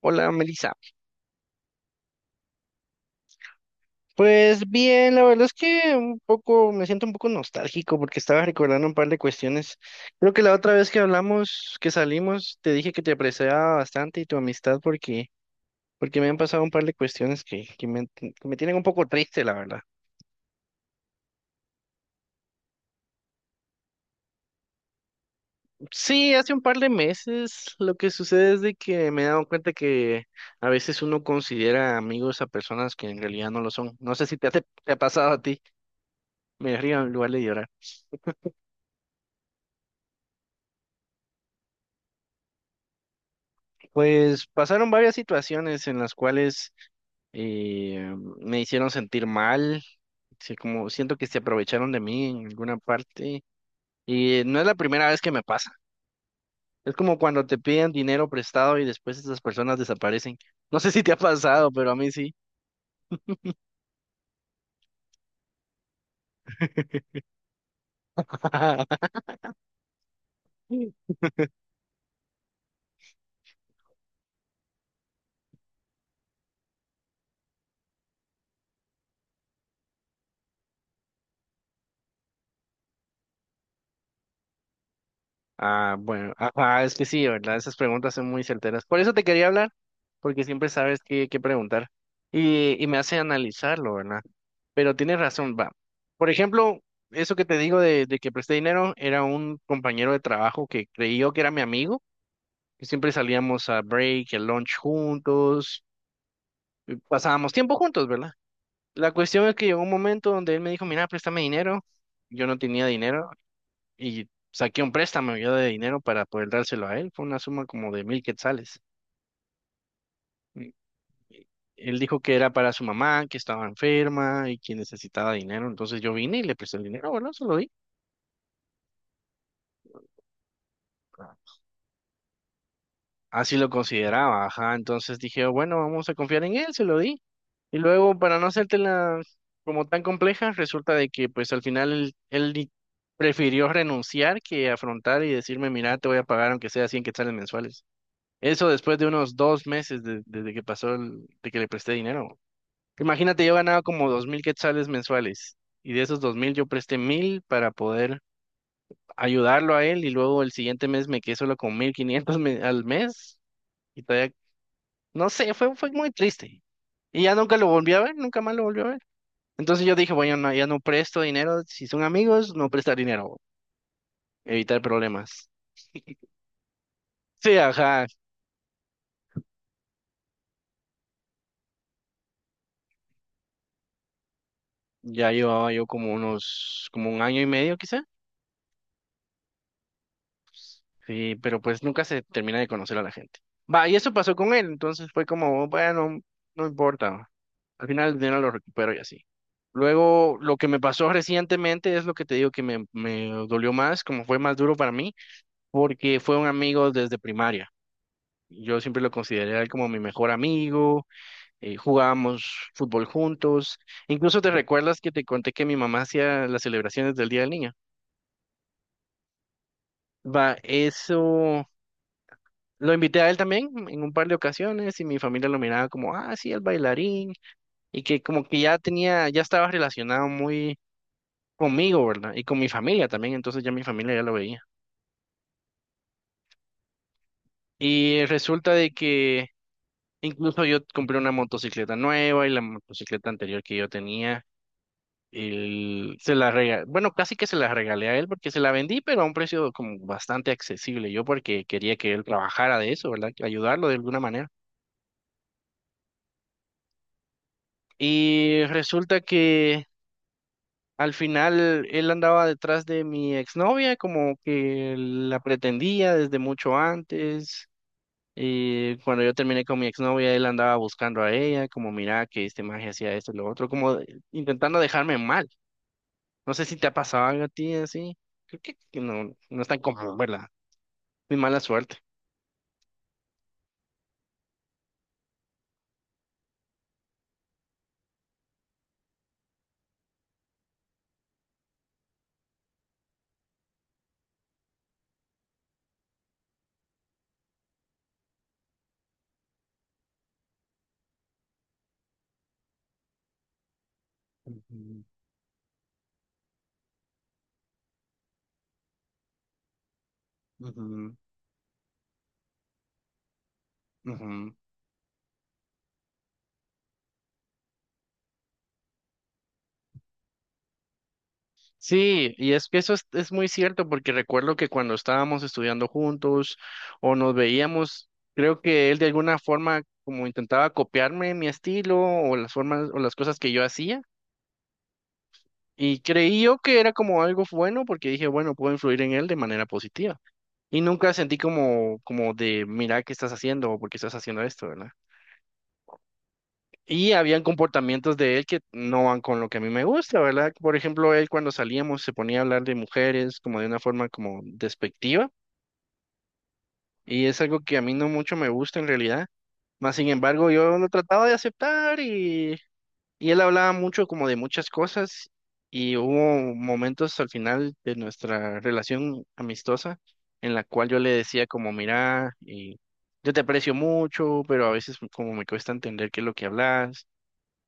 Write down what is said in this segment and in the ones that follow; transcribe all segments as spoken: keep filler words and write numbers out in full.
Hola, Melissa. Pues bien, la verdad es que un poco me siento un poco nostálgico porque estaba recordando un par de cuestiones. Creo que la otra vez que hablamos, que salimos, te dije que te apreciaba bastante y tu amistad porque porque me han pasado un par de cuestiones que, que me, que me tienen un poco triste, la verdad. Sí, hace un par de meses lo que sucede es de que me he dado cuenta que a veces uno considera amigos a personas que en realidad no lo son. No sé si te, ha- te ha pasado a ti. Me río en lugar de llorar. Pues pasaron varias situaciones en las cuales eh, me hicieron sentir mal, sí, como siento que se aprovecharon de mí en alguna parte y no es la primera vez que me pasa. Es como cuando te piden dinero prestado y después esas personas desaparecen. No sé si te ha pasado, pero a mí sí. Ah, bueno, ajá, es que sí, ¿verdad? Esas preguntas son muy certeras. Por eso te quería hablar, porque siempre sabes qué, qué preguntar y, y me hace analizarlo, ¿verdad? Pero tienes razón, va. Por ejemplo, eso que te digo de, de que presté dinero era un compañero de trabajo que creí yo que era mi amigo, que siempre salíamos a break, el lunch juntos, y pasábamos tiempo juntos, ¿verdad? La cuestión es que llegó un momento donde él me dijo, mira, préstame dinero. Yo no tenía dinero y saqué un préstamo yo de dinero para poder dárselo a él. Fue una suma como de mil quetzales. Y- y Él dijo que era para su mamá, que estaba enferma y que necesitaba dinero. Entonces yo vine y le presté el dinero, bueno, se lo di. Así lo consideraba, ajá. Entonces dije, "Oh, bueno, vamos a confiar en él, se lo di. Y luego, para no hacértela como tan compleja, resulta de que pues al final él, él di- prefirió renunciar que afrontar y decirme, mira, te voy a pagar aunque sea cien quetzales mensuales. Eso después de unos dos meses de- desde que pasó el- de que le presté dinero. Imagínate, yo ganaba como dos mil quetzales mensuales y de esos dos mil yo presté mil para poder ayudarlo a él y luego el siguiente mes me quedé solo con mil quinientos me- al mes y todavía, no sé, fue, fue muy triste. Y ya nunca lo volví a ver, nunca más lo volví a ver. Entonces yo dije, bueno, no, ya no presto dinero, si son amigos, no prestar dinero, evitar problemas. Sí, ajá, ya llevaba yo como unos, como un año y medio quizá. Sí, pero pues nunca se termina de conocer a la gente. Va, y eso pasó con él, entonces fue como, bueno, no importa. Al final el dinero lo recupero y así. Luego, lo que me pasó recientemente es lo que te digo que me, me dolió más, como fue más duro para mí, porque fue un amigo desde primaria. Yo siempre lo consideré a él como mi mejor amigo, eh, jugábamos fútbol juntos. Incluso te recuerdas que te conté que mi mamá hacía las celebraciones del Día del Niño. Va, eso lo invité a él también en un par de ocasiones y mi familia lo miraba como, ah, sí, el bailarín, y que como que ya tenía, ya estaba relacionado muy conmigo, ¿verdad? Y con mi familia también, entonces ya mi familia ya lo veía. Y resulta de que incluso yo compré una motocicleta nueva y la motocicleta anterior que yo tenía, él se la regalé, bueno, casi que se la regalé a él porque se la vendí, pero a un precio como bastante accesible, yo porque quería que él trabajara de eso, ¿verdad? Ayudarlo de alguna manera. Y resulta que al final él andaba detrás de mi exnovia, como que la pretendía desde mucho antes. Y cuando yo terminé con mi exnovia, él andaba buscando a ella, como mira que este magia hacía esto y lo otro, como de- intentando dejarme mal. No sé si te ha pasado algo a ti así. Creo que, que no, no es tan común, ¿verdad? Mi mala suerte. Ujú, ujú, ujú. Sí, y es que eso es, es muy cierto, porque recuerdo que cuando estábamos estudiando juntos o nos veíamos, creo que él de alguna forma como intentaba copiarme mi estilo o las formas o las cosas que yo hacía, y creí yo que era como algo bueno, porque dije, bueno, puedo influir en él de manera positiva. Y nunca sentí como, como de, mira, ¿qué estás haciendo? O ¿por qué estás haciendo esto?, ¿verdad? Y habían comportamientos de él que no van con lo que a mí me gusta, ¿verdad? Por ejemplo, él cuando salíamos se ponía a hablar de mujeres como de una forma como despectiva y es algo que a mí no mucho me gusta en realidad. Más sin embargo, yo lo trataba de aceptar y, y él hablaba mucho como de muchas cosas y hubo momentos al final de nuestra relación amistosa en la cual yo le decía como, mira, y yo te aprecio mucho, pero a veces como me cuesta entender qué es lo que hablas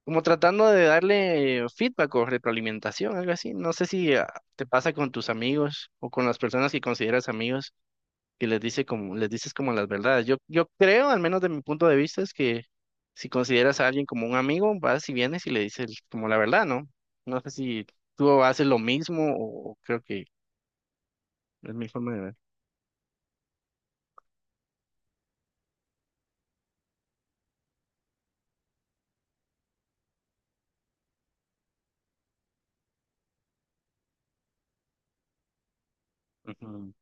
como tratando de darle feedback o retroalimentación, algo así. No sé si ah, te pasa con tus amigos o con las personas que consideras amigos que les dice como, les dices como las verdades. Yo, yo creo, al menos de mi punto de vista, es que si consideras a alguien como un amigo, vas y vienes y le dices como la verdad, ¿no? No sé si tú haces lo mismo o o creo que es mi forma de ver. Ujú,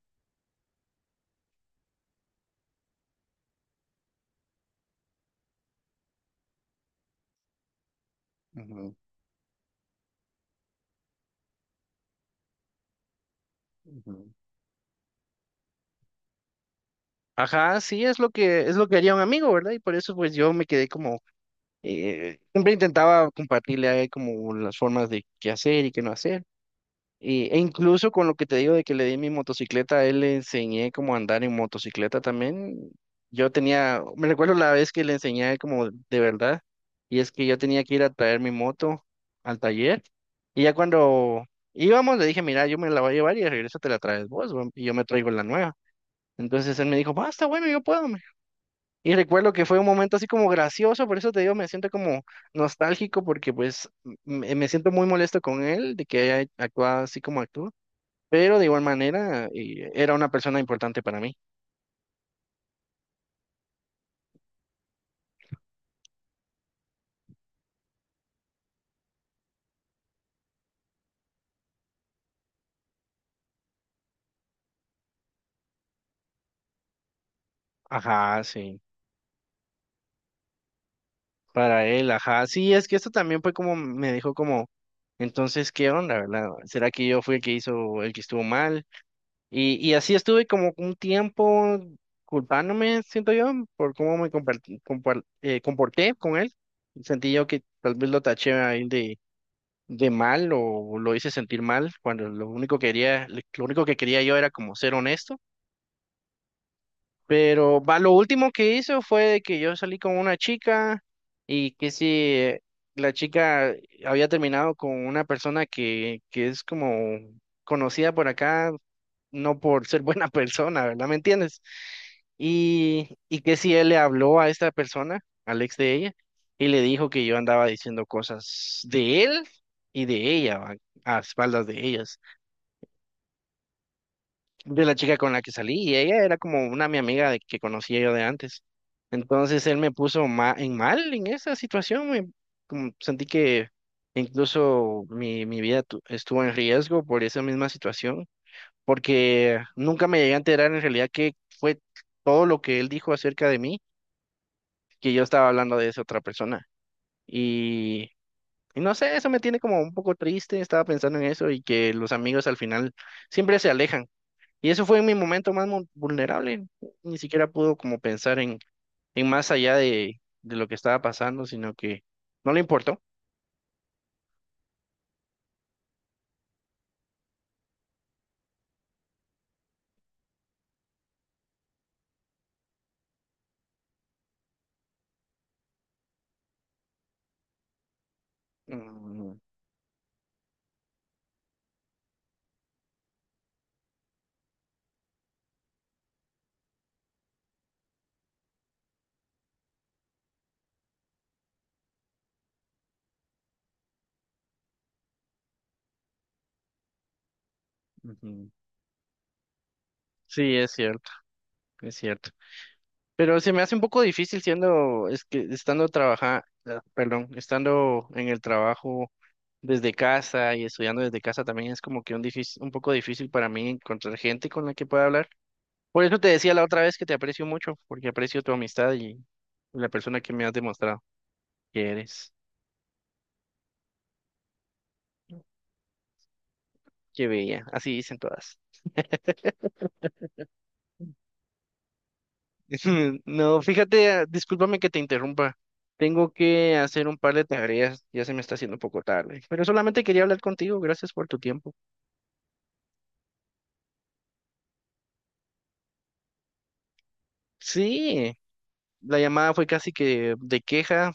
ujú, ujú. Ajá, sí, es lo que es lo que haría un amigo, ¿verdad? Y por eso pues yo me quedé como eh, siempre intentaba compartirle a él como las formas de qué hacer y qué no hacer. Y- e incluso con lo que te digo de que le di mi motocicleta, a él le enseñé cómo andar en motocicleta también. Yo tenía, me recuerdo la vez que le enseñé a él como de verdad, y es que yo tenía que ir a traer mi moto al taller. Y ya cuando íbamos le dije, mira, yo me la voy a llevar y de regreso te la traes vos, va, y yo me traigo la nueva. Entonces él me dijo, basta, bueno, yo puedo. Y recuerdo que fue un momento así como gracioso, por eso te digo, me siento como nostálgico porque pues me, me siento muy molesto con él de que haya actuado así como actuó, pero de igual manera eh, era una persona importante para mí. Ajá, sí, para él, ajá. Sí, es que esto también fue como me dijo como, entonces, ¿qué onda, verdad? ¿Será que yo fui el que hizo, el que estuvo mal? Y, y así estuve como un tiempo culpándome, siento yo, por cómo me compartí- compar- eh, comporté con él. Sentí yo que tal vez lo taché ahí de, de mal o lo hice sentir mal, cuando lo único que quería, lo único que quería yo era como ser honesto. Pero va, lo último que hizo fue que yo salí con una chica y que si la chica había terminado con una persona que, que es como conocida por acá, no por ser buena persona, ¿verdad? ¿Me entiendes? Y, y que si él le habló a esta persona, al ex de ella, y le dijo que yo andaba diciendo cosas de él y de ella, ¿va?, a espaldas de ellas, de la chica con la que salí, y ella era como una mi amiga de, que conocía yo de antes. Entonces él me puso ma- en mal en esa situación, me- como sentí que incluso mi, mi vida tu- estuvo en riesgo por esa misma situación porque nunca me llegué a enterar en realidad que fue todo lo que él dijo acerca de mí, que yo estaba hablando de esa otra persona. Y, y no sé, eso me tiene como un poco triste, estaba pensando en eso y que los amigos al final siempre se alejan. Y eso fue mi momento más mu- vulnerable, ni siquiera pudo como pensar en, en más allá de, de lo que estaba pasando, sino que no le importó. Mm, ujú. Sí, es cierto, es cierto. Pero se me hace un poco difícil siendo, es que estando trabaja, ah, perdón, estando en el trabajo desde casa y estudiando desde casa también es como que un difícil, un poco difícil para mí encontrar gente con la que pueda hablar. Por eso te decía la otra vez que te aprecio mucho, porque aprecio tu amistad y la persona que me has demostrado que eres. Qué bella, así dicen todas. No, fíjate, ah, discúlpame que te interrumpa. Tengo que hacer un par de tareas, ya se me está haciendo un poco tarde, pero solamente quería hablar contigo, gracias por tu tiempo. Sí, la llamada fue casi que de queja,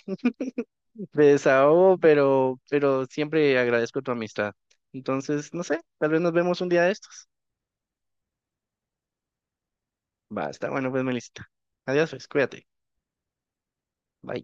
de desahogo, pero, pero siempre agradezco tu amistad. Entonces, no sé, tal vez nos vemos un día de estos. Va, está bueno, pues, Melissa. Adiós, pues, cuídate. Bye.